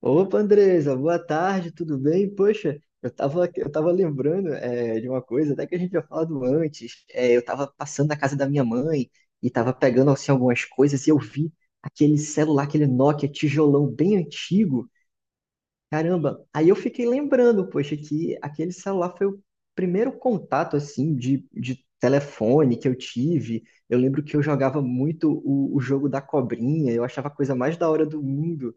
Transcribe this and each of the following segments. Opa, Andresa, boa tarde, tudo bem? Poxa, eu tava lembrando de uma coisa, até que a gente tinha falado antes. Eu tava passando na casa da minha mãe e tava pegando assim algumas coisas e eu vi aquele celular, aquele Nokia tijolão bem antigo. Caramba, aí eu fiquei lembrando, poxa, que aquele celular foi o primeiro contato assim de telefone que eu tive. Eu lembro que eu jogava muito o jogo da cobrinha, eu achava a coisa mais da hora do mundo,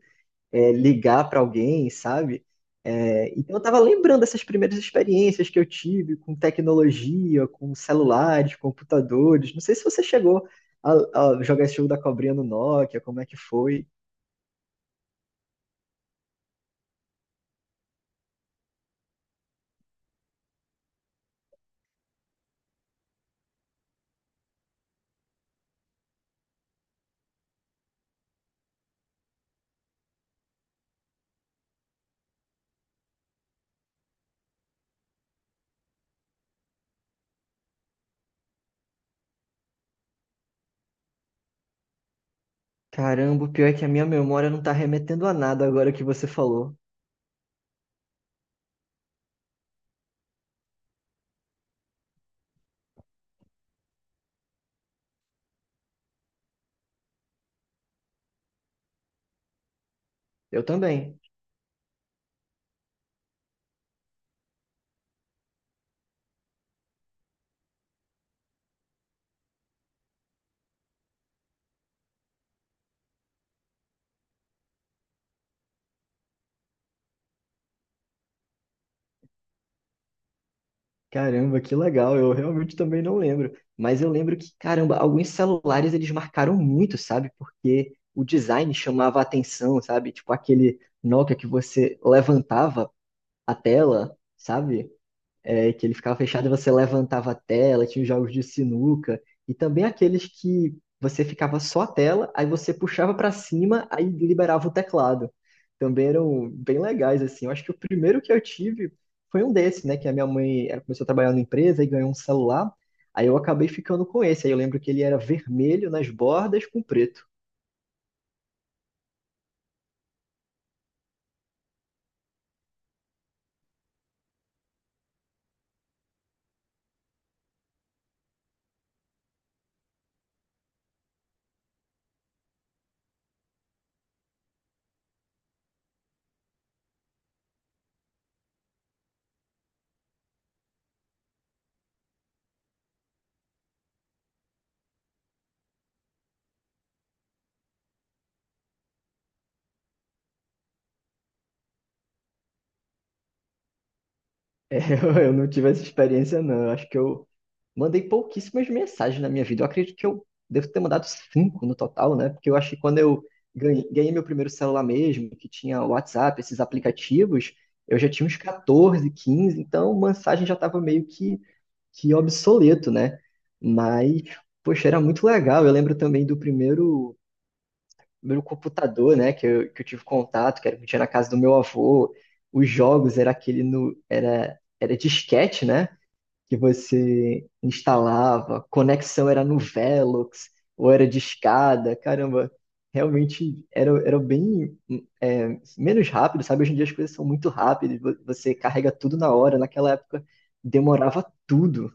ligar para alguém, sabe? É, então eu estava lembrando dessas primeiras experiências que eu tive com tecnologia, com celulares, computadores. Não sei se você chegou a jogar esse jogo da cobrinha no Nokia, como é que foi? Caramba, o pior é que a minha memória não está remetendo a nada agora que você falou. Eu também. Caramba, que legal. Eu realmente também não lembro. Mas eu lembro que, caramba, alguns celulares eles marcaram muito, sabe? Porque o design chamava a atenção, sabe? Tipo aquele Nokia que você levantava a tela, sabe? Que ele ficava fechado e você levantava a tela, tinha os jogos de sinuca, e também aqueles que você ficava só a tela, aí você puxava para cima, aí liberava o teclado. Também eram bem legais, assim. Eu acho que o primeiro que eu tive foi um desses, né? Que a minha mãe ela começou a trabalhar na empresa e ganhou um celular. Aí eu acabei ficando com esse. Aí eu lembro que ele era vermelho nas bordas com preto. É, Eu não tive essa experiência, não. Eu acho que eu mandei pouquíssimas mensagens na minha vida. Eu acredito que eu devo ter mandado 5 no total, né? Porque eu acho que quando eu ganhei meu primeiro celular mesmo, que tinha o WhatsApp, esses aplicativos, eu já tinha uns 14, 15. Então mensagem já estava meio que obsoleto, né? Mas, poxa, era muito legal. Eu lembro também do primeiro meu computador, né, que eu tive contato, que era que tinha na casa do meu avô, os jogos era aquele no era era disquete, né, que você instalava, conexão era no Velox ou era discada, caramba, realmente era bem, é, menos rápido, sabe? Hoje em dia as coisas são muito rápidas, você carrega tudo na hora, naquela época demorava tudo.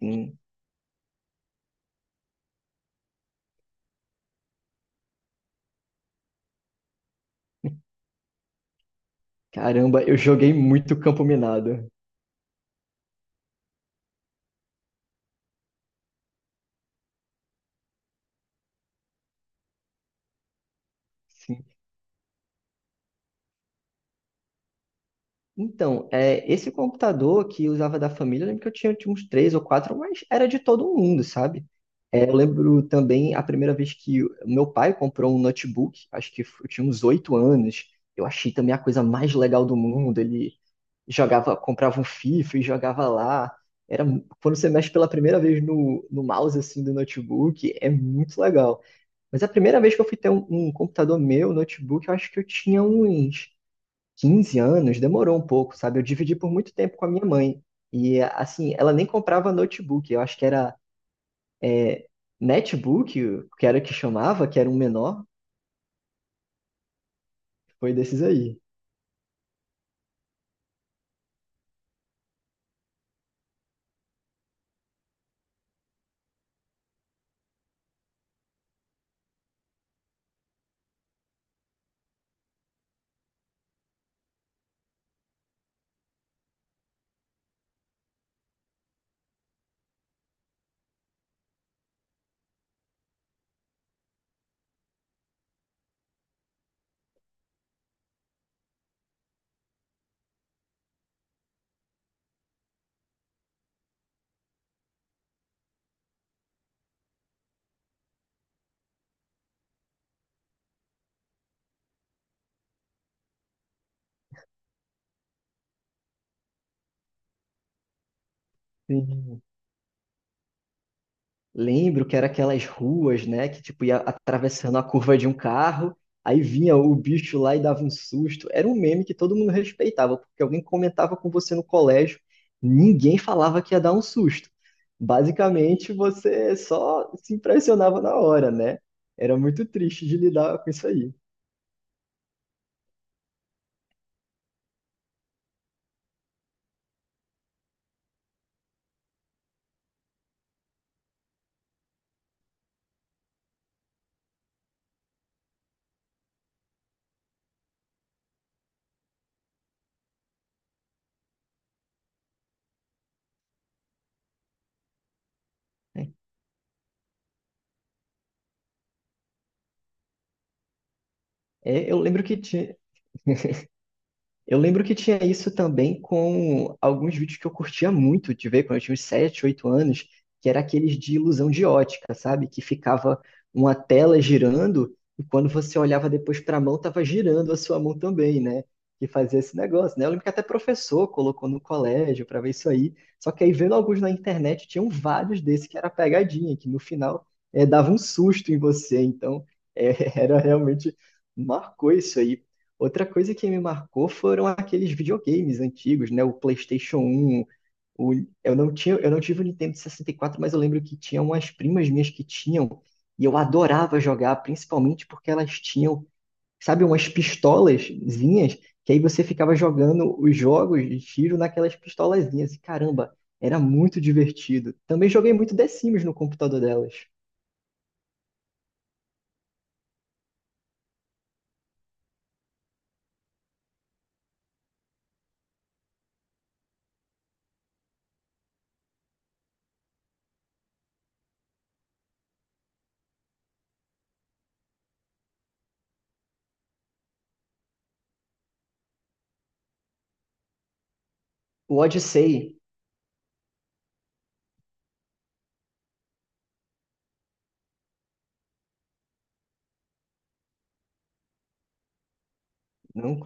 Hum. Caramba, eu joguei muito campo minado. Então, esse computador que eu usava da família, eu lembro que eu tinha uns três ou quatro, mas era de todo mundo, sabe? É, eu lembro também a primeira vez que o meu pai comprou um notebook, acho que eu tinha uns 8 anos. Eu achei também a coisa mais legal do mundo. Ele jogava, comprava um FIFA e jogava lá. Era, quando você mexe pela primeira vez no mouse assim do notebook, é muito legal. Mas a primeira vez que eu fui ter um computador meu, notebook, eu acho que eu tinha uns 15 anos. Demorou um pouco, sabe? Eu dividi por muito tempo com a minha mãe. E, assim, ela nem comprava notebook. Eu acho que era é, netbook, que era o que chamava, que era um menor. Foi desses aí. Sim. Lembro que era aquelas ruas, né, que tipo ia atravessando a curva de um carro, aí vinha o bicho lá e dava um susto. Era um meme que todo mundo respeitava, porque alguém comentava com você no colégio, ninguém falava que ia dar um susto. Basicamente, você só se impressionava na hora, né? Era muito triste de lidar com isso aí, né? É, eu lembro que tinha, Eu lembro que tinha isso também com alguns vídeos que eu curtia muito de ver quando eu tinha uns 7, 8 anos, que era aqueles de ilusão de ótica, sabe? Que ficava uma tela girando e quando você olhava depois para a mão, tava girando a sua mão também, né? Que fazia esse negócio, né? Eu lembro que até professor colocou no colégio para ver isso aí. Só que aí vendo alguns na internet, tinham vários desses que era pegadinha, que no final dava um susto em você. Então, era realmente marcou isso aí. Outra coisa que me marcou foram aqueles videogames antigos, né? O PlayStation 1, o- eu não tinha, eu não tive o Nintendo 64, mas eu lembro que tinha umas primas minhas que tinham, e eu adorava jogar, principalmente porque elas tinham, sabe, umas pistolazinhas, que aí você ficava jogando os jogos de tiro naquelas pistolazinhas. E caramba, era muito divertido. Também joguei muito The Sims no computador delas. O Odyssey, não,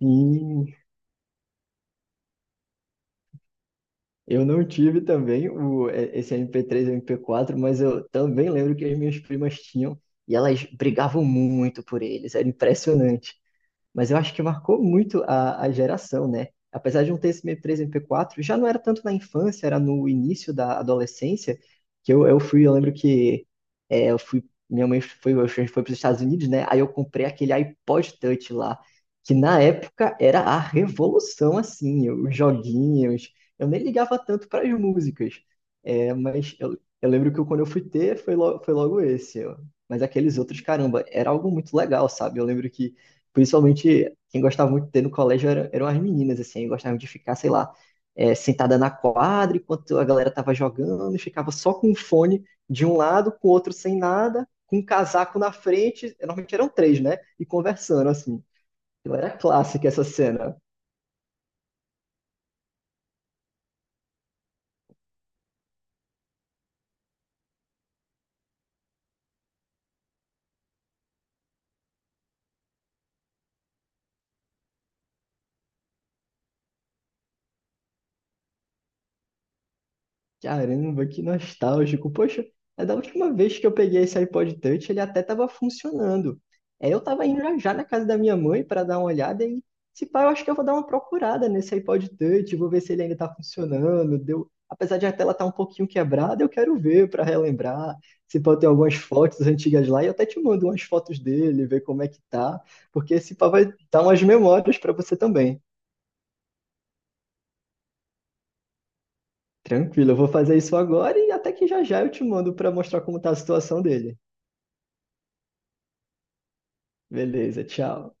e eu não tive também esse MP3 e MP4, mas eu também lembro que as minhas primas tinham e elas brigavam muito por eles, era impressionante. Mas eu acho que marcou muito a geração, né? Apesar de não ter esse MP3, MP4, já não era tanto na infância, era no início da adolescência, que eu fui, eu lembro que, é, eu fui, minha mãe foi, a gente foi para os Estados Unidos, né? Aí eu comprei aquele iPod Touch lá, que na época era a revolução, assim, os joguinhos. Eu nem ligava tanto para as músicas, mas eu lembro que quando eu fui ter, foi logo esse. Ó. Mas aqueles outros, caramba, era algo muito legal, sabe? Eu lembro que Principalmente quem gostava muito de ter no colégio eram as meninas, assim, gostavam de ficar, sei lá, sentada na quadra enquanto a galera tava jogando, e ficava só com o fone de um lado, com o outro sem nada, com um casaco na frente, normalmente eram três, né? E conversando, assim. Então era clássica essa cena. Caramba, que nostálgico. Poxa, é da última vez que eu peguei esse iPod Touch, ele até estava funcionando. É, eu estava indo já já na casa da minha mãe para dar uma olhada e, se pá, eu acho que eu vou dar uma procurada nesse iPod Touch, vou ver se ele ainda está funcionando. Deu... Apesar de a tela estar um pouquinho quebrada, eu quero ver para relembrar. Se pá, tem algumas fotos antigas lá e eu até te mando umas fotos dele, ver como é que tá, porque se pá vai dar umas memórias para você também. Tranquilo, eu vou fazer isso agora e até que já já eu te mando para mostrar como tá a situação dele. Beleza, tchau.